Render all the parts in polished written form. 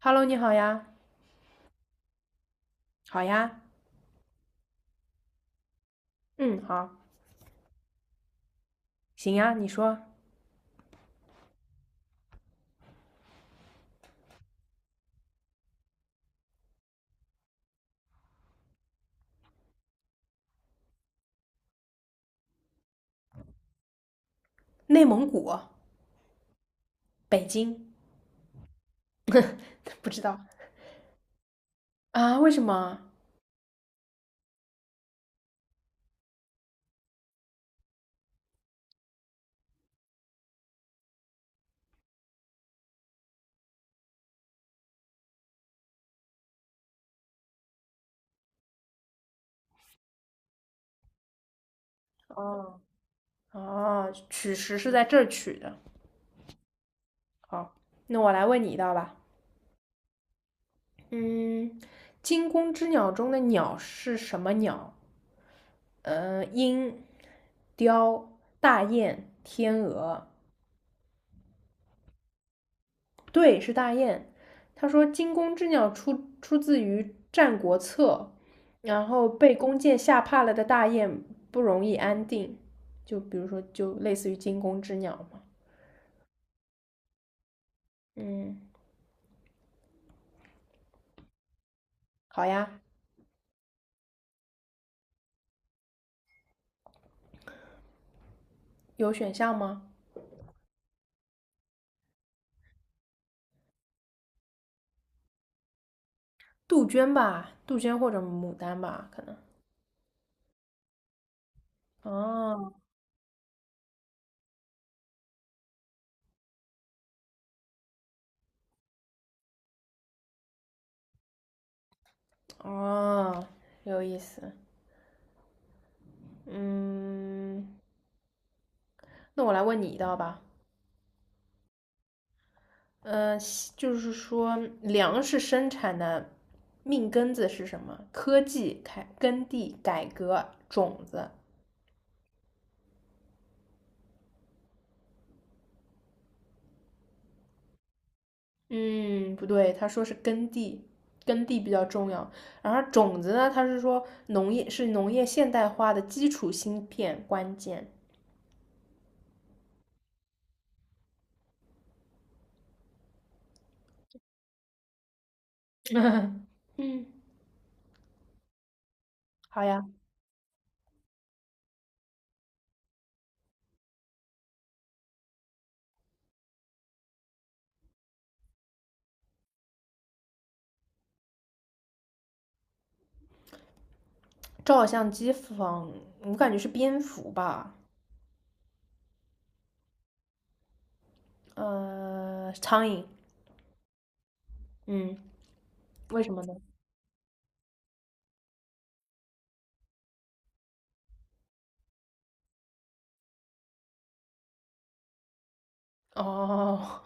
Hello，你好呀，好呀，嗯，好，行呀，你说，内蒙古，北京，不知道。啊？为什么？哦哦，取食是在这儿取的。好，那我来问你一道吧。嗯，惊弓之鸟中的鸟是什么鸟？鹰、雕、大雁、天鹅。对，是大雁。他说惊弓之鸟出自于《战国策》，然后被弓箭吓怕了的大雁不容易安定，就比如说就类似于惊弓之鸟嘛。嗯，好呀，有选项吗？杜鹃吧，杜鹃或者牡丹吧，可能。哦哦，有意思。嗯，那我来问你一道吧。呃，就是说粮食生产的命根子是什么？科技、改耕地、改革、种子。嗯，不对，他说是耕地，耕地比较重要。然后种子呢，他是说农业是农业现代化的基础芯片关键。嗯，好呀。照相机仿，我感觉是蝙蝠吧？苍蝇。嗯，为什么呢？哦，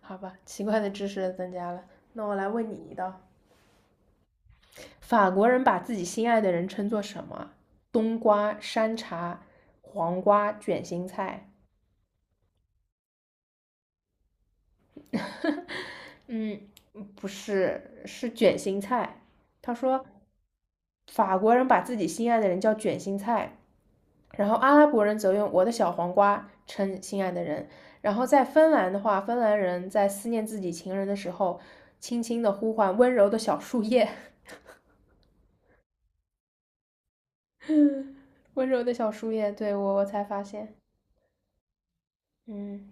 好吧，奇怪的知识增加了。那我来问你一道：法国人把自己心爱的人称作什么？冬瓜、山茶、黄瓜、卷心菜。嗯，不是，是卷心菜。他说，法国人把自己心爱的人叫卷心菜，然后阿拉伯人则用我的小黄瓜称心爱的人。然后在芬兰的话，芬兰人在思念自己情人的时候，轻轻的呼唤温柔的小树叶。温柔的小树叶，对我才发现，嗯，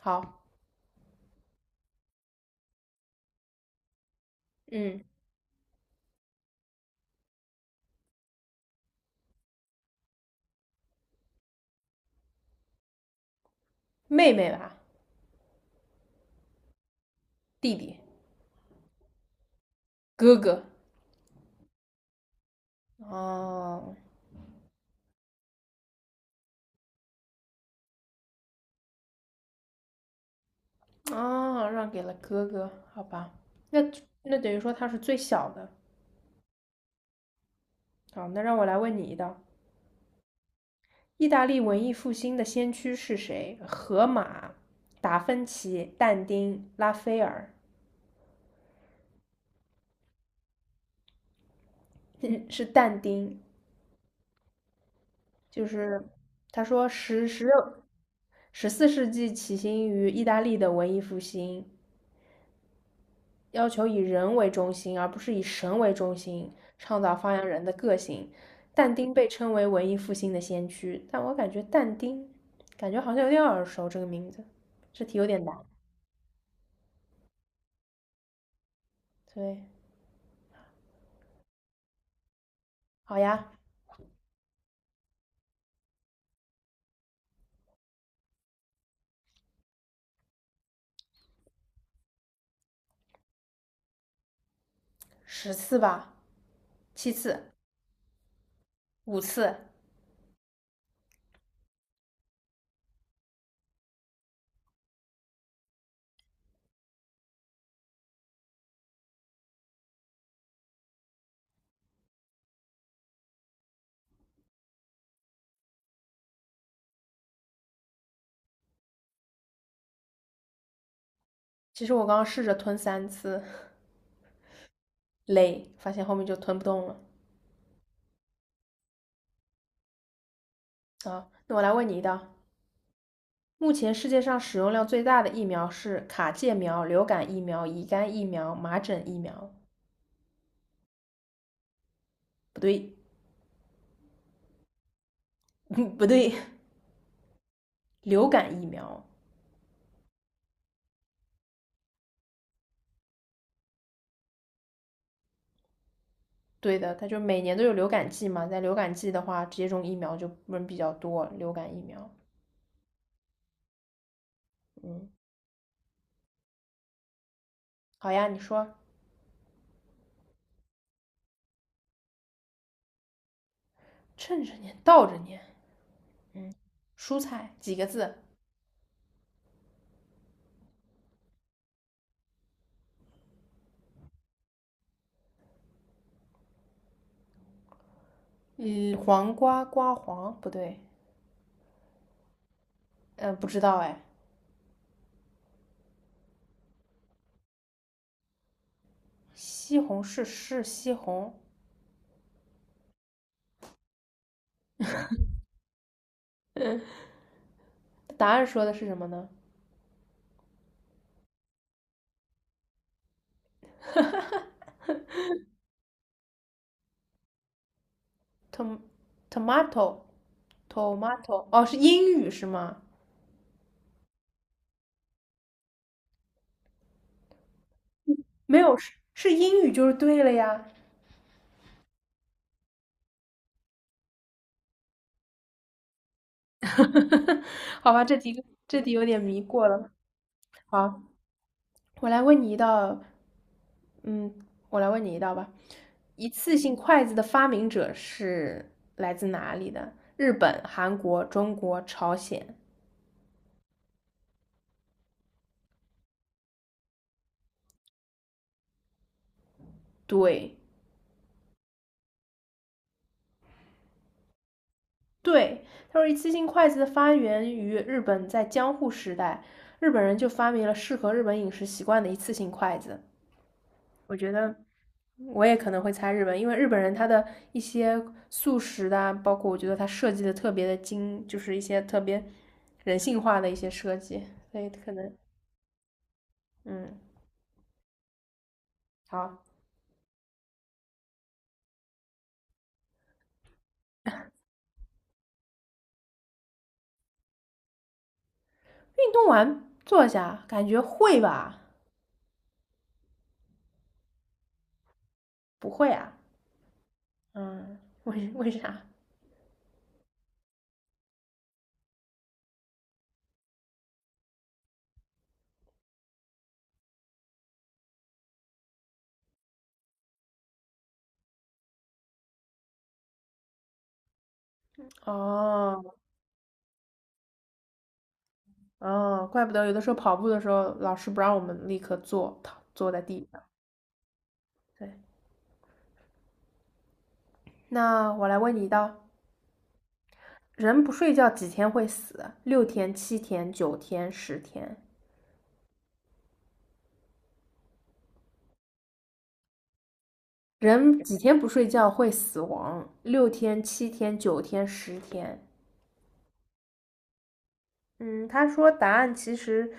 好，嗯，妹妹吧，弟弟，哥哥，哦，哦，让给了哥哥，好吧，那那等于说他是最小的。好，那让我来问你一道，意大利文艺复兴的先驱是谁？荷马、达芬奇、但丁、拉斐尔，是但丁。就是他说十六。14世纪起兴于意大利的文艺复兴，要求以人为中心，而不是以神为中心，倡导发扬人的个性。但丁被称为文艺复兴的先驱，但我感觉但丁，感觉好像有点耳熟这个名字，这题有点难。对，好呀，10次吧，7次，5次。其实我刚刚试着吞3次，累，发现后面就吞不动了。啊，那我来问你一道：目前世界上使用量最大的疫苗是卡介苗、流感疫苗、乙肝疫苗、麻疹疫苗？不对，嗯，不对，流感疫苗。对的，它就每年都有流感季嘛，在流感季的话，接种疫苗就人比较多，流感疫苗。嗯，好呀，你说趁着年倒着年，蔬菜几个字？嗯，黄瓜瓜黄不对，不知道哎，西红柿是西红，答案说的是什么呢？tom tomato tomato 哦，是英语是吗？没有是英语就是对了呀，好吧，这题有点迷过了。好，我来问你一道，嗯，我来问你一道吧。一次性筷子的发明者是来自哪里的？日本、韩国、中国、朝鲜。对对，他说一次性筷子的发源于日本，在江户时代，日本人就发明了适合日本饮食习惯的一次性筷子。我觉得我也可能会猜日本，因为日本人他的一些素食的啊，包括我觉得他设计的特别的精，就是一些特别人性化的一些设计，所以可能。嗯，好，运动完坐下，感觉会吧？不会啊？嗯，为啥？哦哦，怪不得有的时候跑步的时候，老师不让我们立刻坐在地上。对，那我来问你一道，人不睡觉几天会死？六天、七天、九天、十天。人几天不睡觉会死亡？六天、七天、九天、十天。嗯，他说答案其实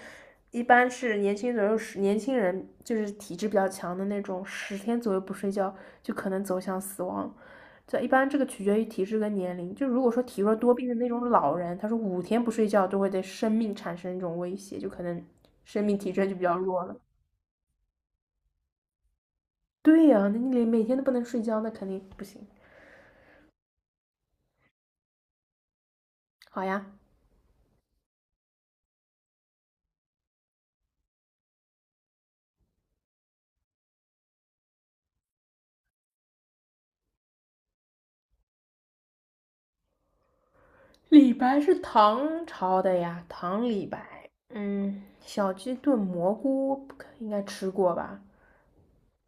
一般是年轻左右年轻人，就是体质比较强的那种，十天左右不睡觉就可能走向死亡。这一般这个取决于体质跟年龄。就如果说体弱多病的那种老人，他说5天不睡觉都会对生命产生一种威胁，就可能生命体征就比较弱了。对呀、啊那你连每天都不能睡觉，那肯定不行。好呀，李白是唐朝的呀，唐李白。嗯，小鸡炖蘑菇应该吃过吧？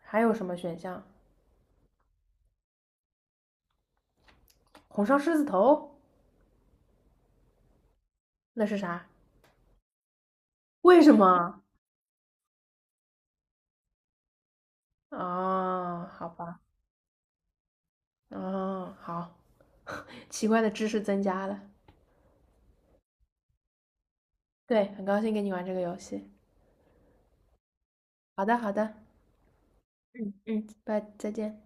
还有什么选项？红烧狮子头，那是啥？为什么？啊，好吧，啊，好，奇怪的知识增加了。对，很高兴跟你玩这个游戏。好的，好的，嗯嗯，拜，再见。